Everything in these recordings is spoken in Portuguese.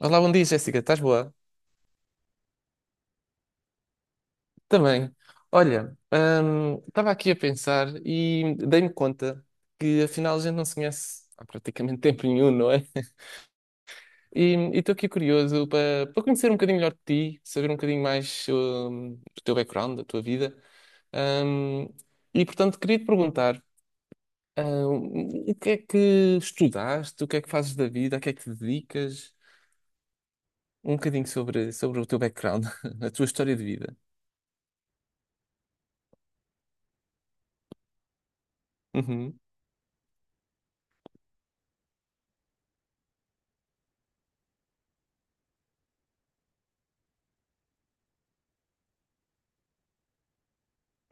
Olá, bom dia, Jéssica. Estás boa? Também. Olha, estava aqui a pensar e dei-me conta que afinal a gente não se conhece há praticamente tempo nenhum, não é? E estou aqui curioso para conhecer um bocadinho melhor de ti, saber um bocadinho mais do teu background, da tua vida. Hum, e portanto, queria te perguntar, o que é que estudaste, o que é que fazes da vida, a que é que te dedicas? Um bocadinho sobre o teu background, a tua história de vida. Uhum.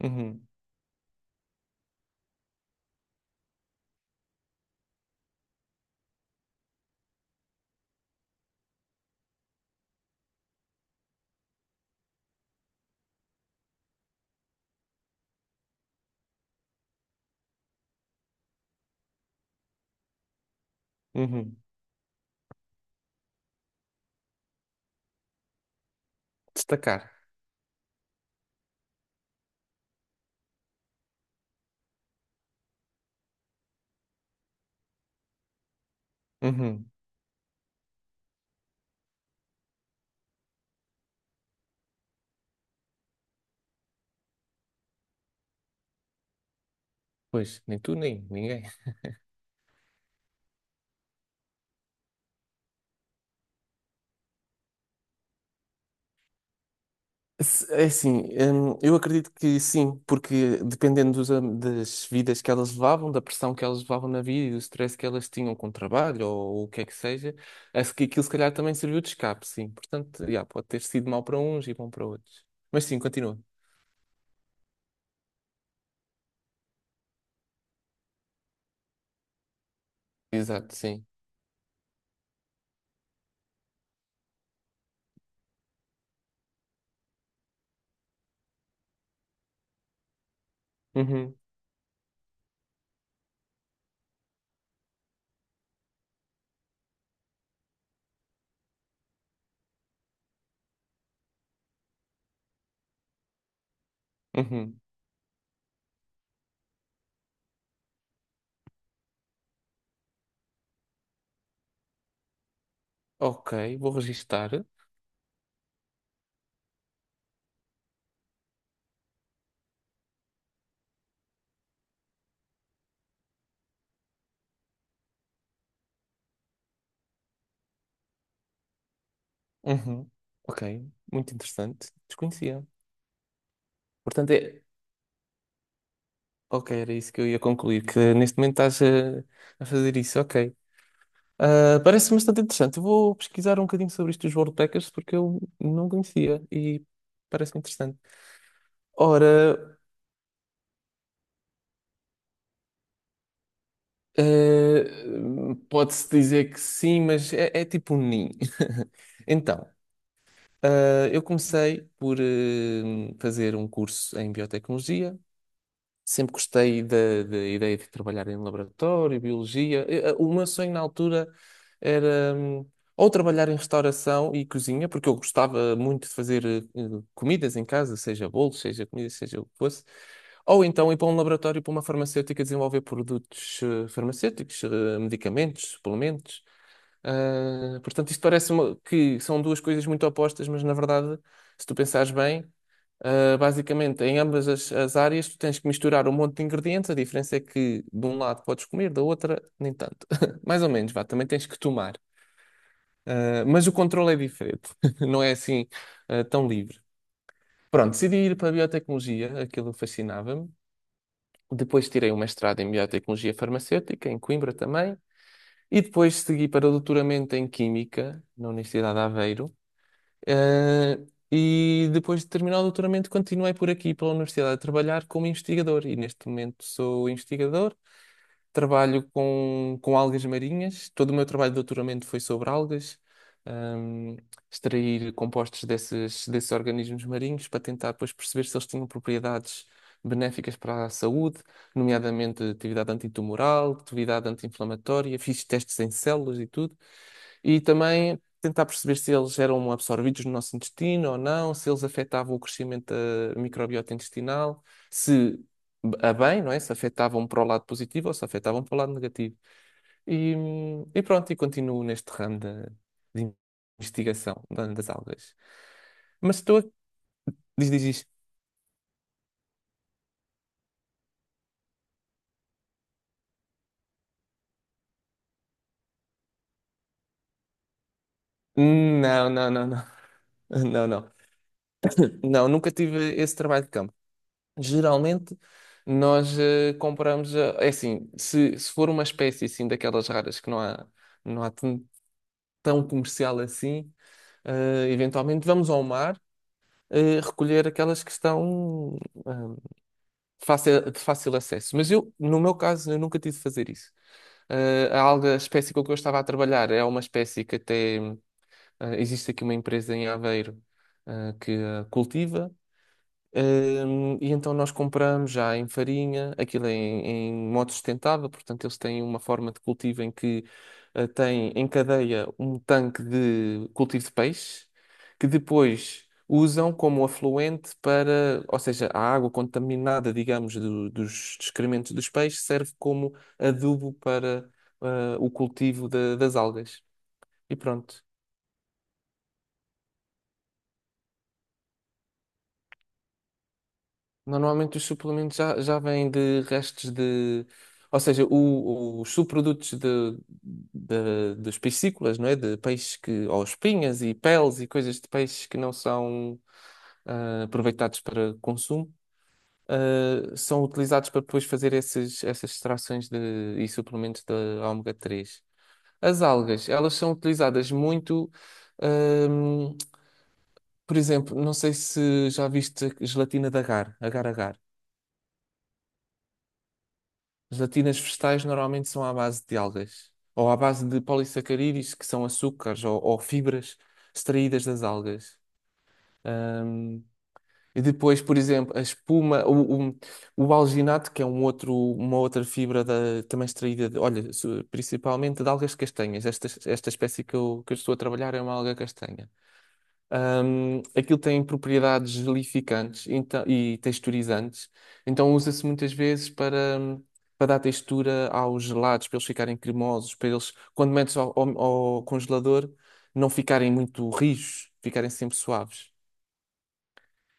Uhum, uhum. Destacar. Uhum. Pois, nem tu, nem ninguém. É assim, eu acredito que sim, porque dependendo das vidas que elas levavam, da pressão que elas levavam na vida e do stress que elas tinham com o trabalho ou, o que é que seja, acho que aquilo se calhar também serviu de escape, sim. Portanto, já, pode ter sido mau para uns e bom para outros. Mas sim, continua. Exato, sim. Uhum, uhum. Ok, vou registar. Uhum. Ok, muito interessante. Desconhecia. Portanto, é, Ok, era isso que eu ia concluir, que neste momento estás a fazer isso, ok. Ah, parece-me bastante interessante. Eu vou pesquisar um bocadinho sobre isto dos World Packers porque eu não conhecia e parece-me interessante. Ora, eh, pode-se dizer que sim, mas é tipo um ninho. Então, eu comecei por fazer um curso em biotecnologia. Sempre gostei da ideia de trabalhar em laboratório, biologia. O meu sonho na altura era ou trabalhar em restauração e cozinha, porque eu gostava muito de fazer comidas em casa, seja bolos, seja comida, seja o que fosse. Ou então ir para um laboratório, para uma farmacêutica, desenvolver produtos farmacêuticos, medicamentos, suplementos. Ah, portanto, que são duas coisas muito opostas, mas na verdade, se tu pensares bem. Basicamente, em ambas as áreas, tu tens que misturar um monte de ingredientes. A diferença é que de um lado podes comer, da outra, nem tanto. Mais ou menos, vá, também tens que tomar. Mas o controle é diferente, não é assim, tão livre. Pronto, decidi ir para a biotecnologia, aquilo fascinava-me. Depois tirei um mestrado em biotecnologia farmacêutica, em Coimbra também. E depois segui para o doutoramento em Química, na Universidade de Aveiro. Eh, e depois de terminar o doutoramento, continuei por aqui, pela universidade, a trabalhar como investigador. E neste momento sou investigador. Trabalho com algas marinhas. Todo o meu trabalho de doutoramento foi sobre algas, hum, extrair compostos desses organismos marinhos para tentar depois perceber se eles tinham propriedades benéficas para a saúde, nomeadamente atividade antitumoral, atividade anti-inflamatória. Fiz testes em células e tudo. E também tentar perceber se eles eram absorvidos no nosso intestino ou não, se eles afetavam o crescimento da microbiota intestinal, se a bem, não é? Se afetavam para o lado positivo ou se afetavam para o lado negativo. E continuo neste de, investigação das algas. Mas estou a... Diz, diz, diz. Não, não, não, não. Não, não. Não, nunca tive esse trabalho de campo. Geralmente nós compramos. É assim, se for uma espécie assim daquelas raras que não há, não há tão comercial assim, eventualmente vamos ao mar recolher aquelas que estão ah, de fácil acesso. Mas eu, no meu caso, eu nunca tive de fazer isso. Ah, a alga, a espécie com que eu estava a trabalhar é uma espécie que até existe aqui uma empresa em Aveiro que a cultiva. E então nós compramos já em farinha, aquilo é em modo sustentável, portanto eles têm uma forma de cultivo em que têm em cadeia um tanque de cultivo de peixe, que depois usam como afluente para, ou seja, a água contaminada, digamos, dos excrementos dos peixes serve como adubo para o cultivo das algas. E pronto. Normalmente os suplementos já vêm de restos de. Ou seja, os subprodutos de, dos piscícolas, não é? De peixes que. Ou espinhas e peles e coisas de peixes que não são aproveitados para consumo, são utilizados para depois fazer essas extrações de, e suplementos de ômega três. As algas, elas são utilizadas muito. ahm, por exemplo, não sei se já viste gelatina de agar, agar-agar. Gelatinas vegetais normalmente são à base de algas, ou à base de polissacarídeos, que são açúcares ou fibras extraídas das algas. Ahm, e depois, por exemplo, a espuma, o alginato, que é um outro, uma outra fibra da, também extraída, de, olha, principalmente de algas castanhas. Esta espécie que que eu estou a trabalhar é uma alga castanha. Aquilo tem propriedades gelificantes e texturizantes, então usa-se muitas vezes para, para dar textura aos gelados, para eles ficarem cremosos, para eles, quando metes ao congelador, não ficarem muito rijos, ficarem sempre suaves.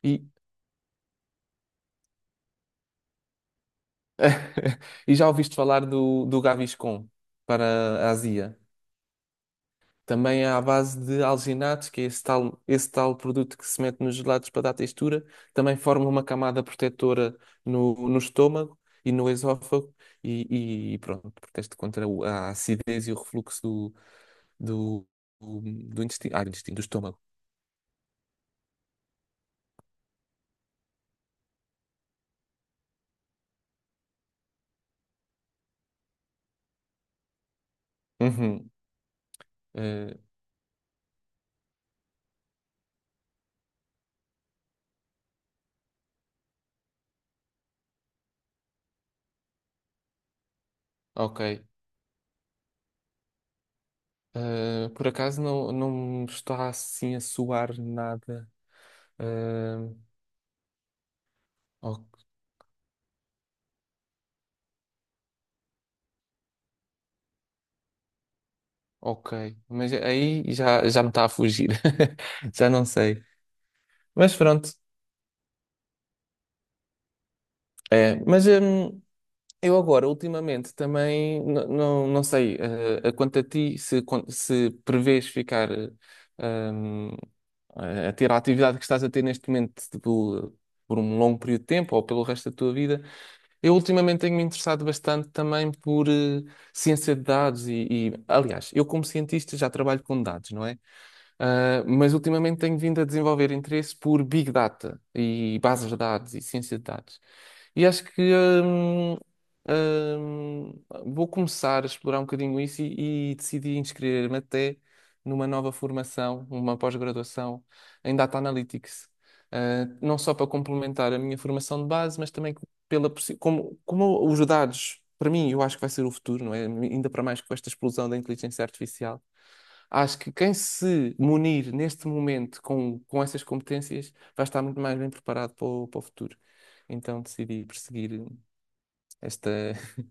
E, e já ouviste falar do Gaviscon para a Ásia? Também é à base de alginatos, que é esse tal produto que se mete nos gelados para dar textura. Também forma uma camada protetora no estômago e no esófago. E pronto, protege contra a acidez e o refluxo do, do, do intestino, ah, do intestino, do estômago. Uhum, eh, ok. Por acaso não, não me está assim a soar nada. Eh, o- ok, mas aí já me está a fugir. Já não sei. Mas pronto, é. Mas eu agora, ultimamente, também não sei a quanto a ti, se prevês ficar hum, a ter a atividade que estás a ter neste momento tipo, por um longo período de tempo ou pelo resto da tua vida. Eu ultimamente tenho-me interessado bastante também por ciência de dados aliás, eu como cientista já trabalho com dados, não é? Ah, mas ultimamente tenho vindo a desenvolver interesse por Big Data e bases de dados e ciência de dados. E acho que hum, hum, vou começar a explorar um bocadinho isso e decidi inscrever-me até numa nova formação, uma pós-graduação em Data Analytics. Ah, não só para complementar a minha formação de base, mas também como, como os dados, para mim, eu acho que vai ser o futuro, não é? Ainda para mais com esta explosão da inteligência artificial. Acho que quem se munir neste momento com essas competências vai estar muito mais bem preparado para para o futuro. Então decidi perseguir esta.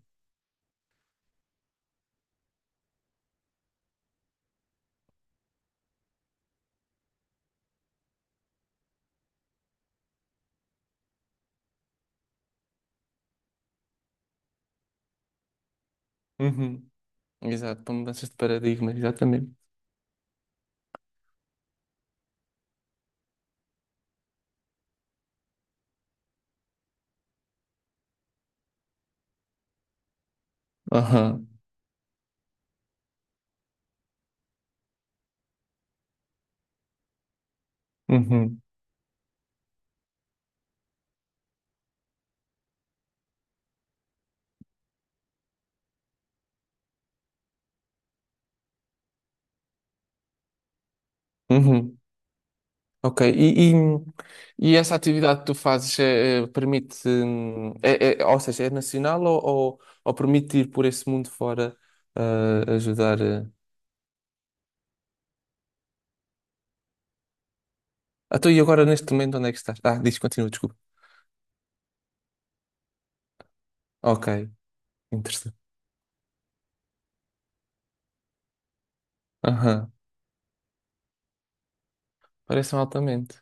Uhum. Exato, para mudanças de paradigma, exatamente. Aham. Uhum. Uhum. Ok. E essa atividade que tu fazes é, permite. É, ou seja, é nacional ou permite ir por esse mundo fora ajudar? Ah, tu e agora neste momento onde é que estás? Ah, diz, continua, desculpa. Ok, interessante. Aham. Parece-me altamente.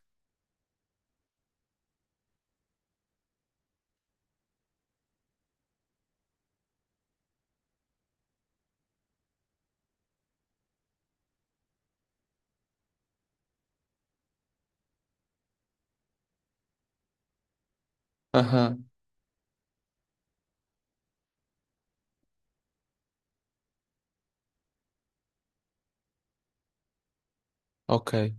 Aham. Ok.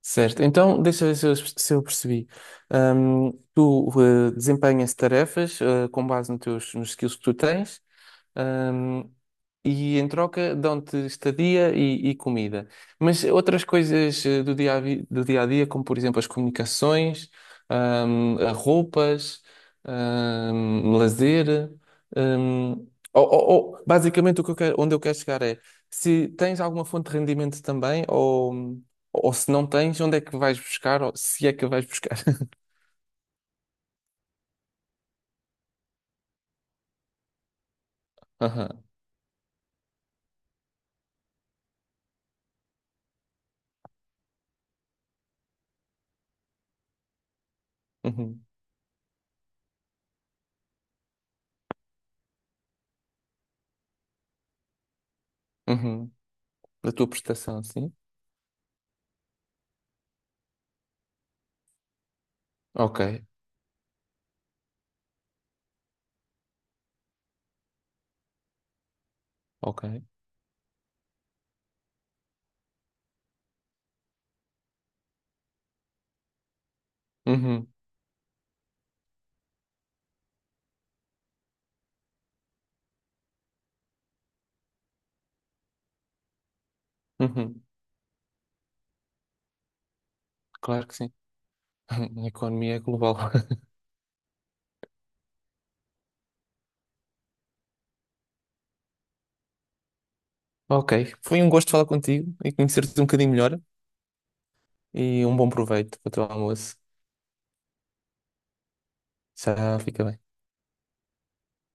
Certo, então deixa eu ver se eu, se eu percebi. Tu desempenhas tarefas com base nos skills que tu tens, ahm, e em troca dão-te estadia e comida. Mas outras coisas do dia a dia, como por exemplo as comunicações, a roupas, lazer. ahm, ou, basicamente, o que eu quero- onde eu quero chegar é se tens alguma fonte de rendimento também, ou. Ou se não tens, onde é que vais buscar? Ou se é que vais buscar? Aham. Uhum. Uhum. Da tua prestação, sim? Ok. Ok. Uhum. Uhum. Claro que sim. A economia é global. Ok. Foi um gosto falar contigo e conhecer-te um bocadinho melhor. E um bom proveito para o teu almoço. Já fica bem.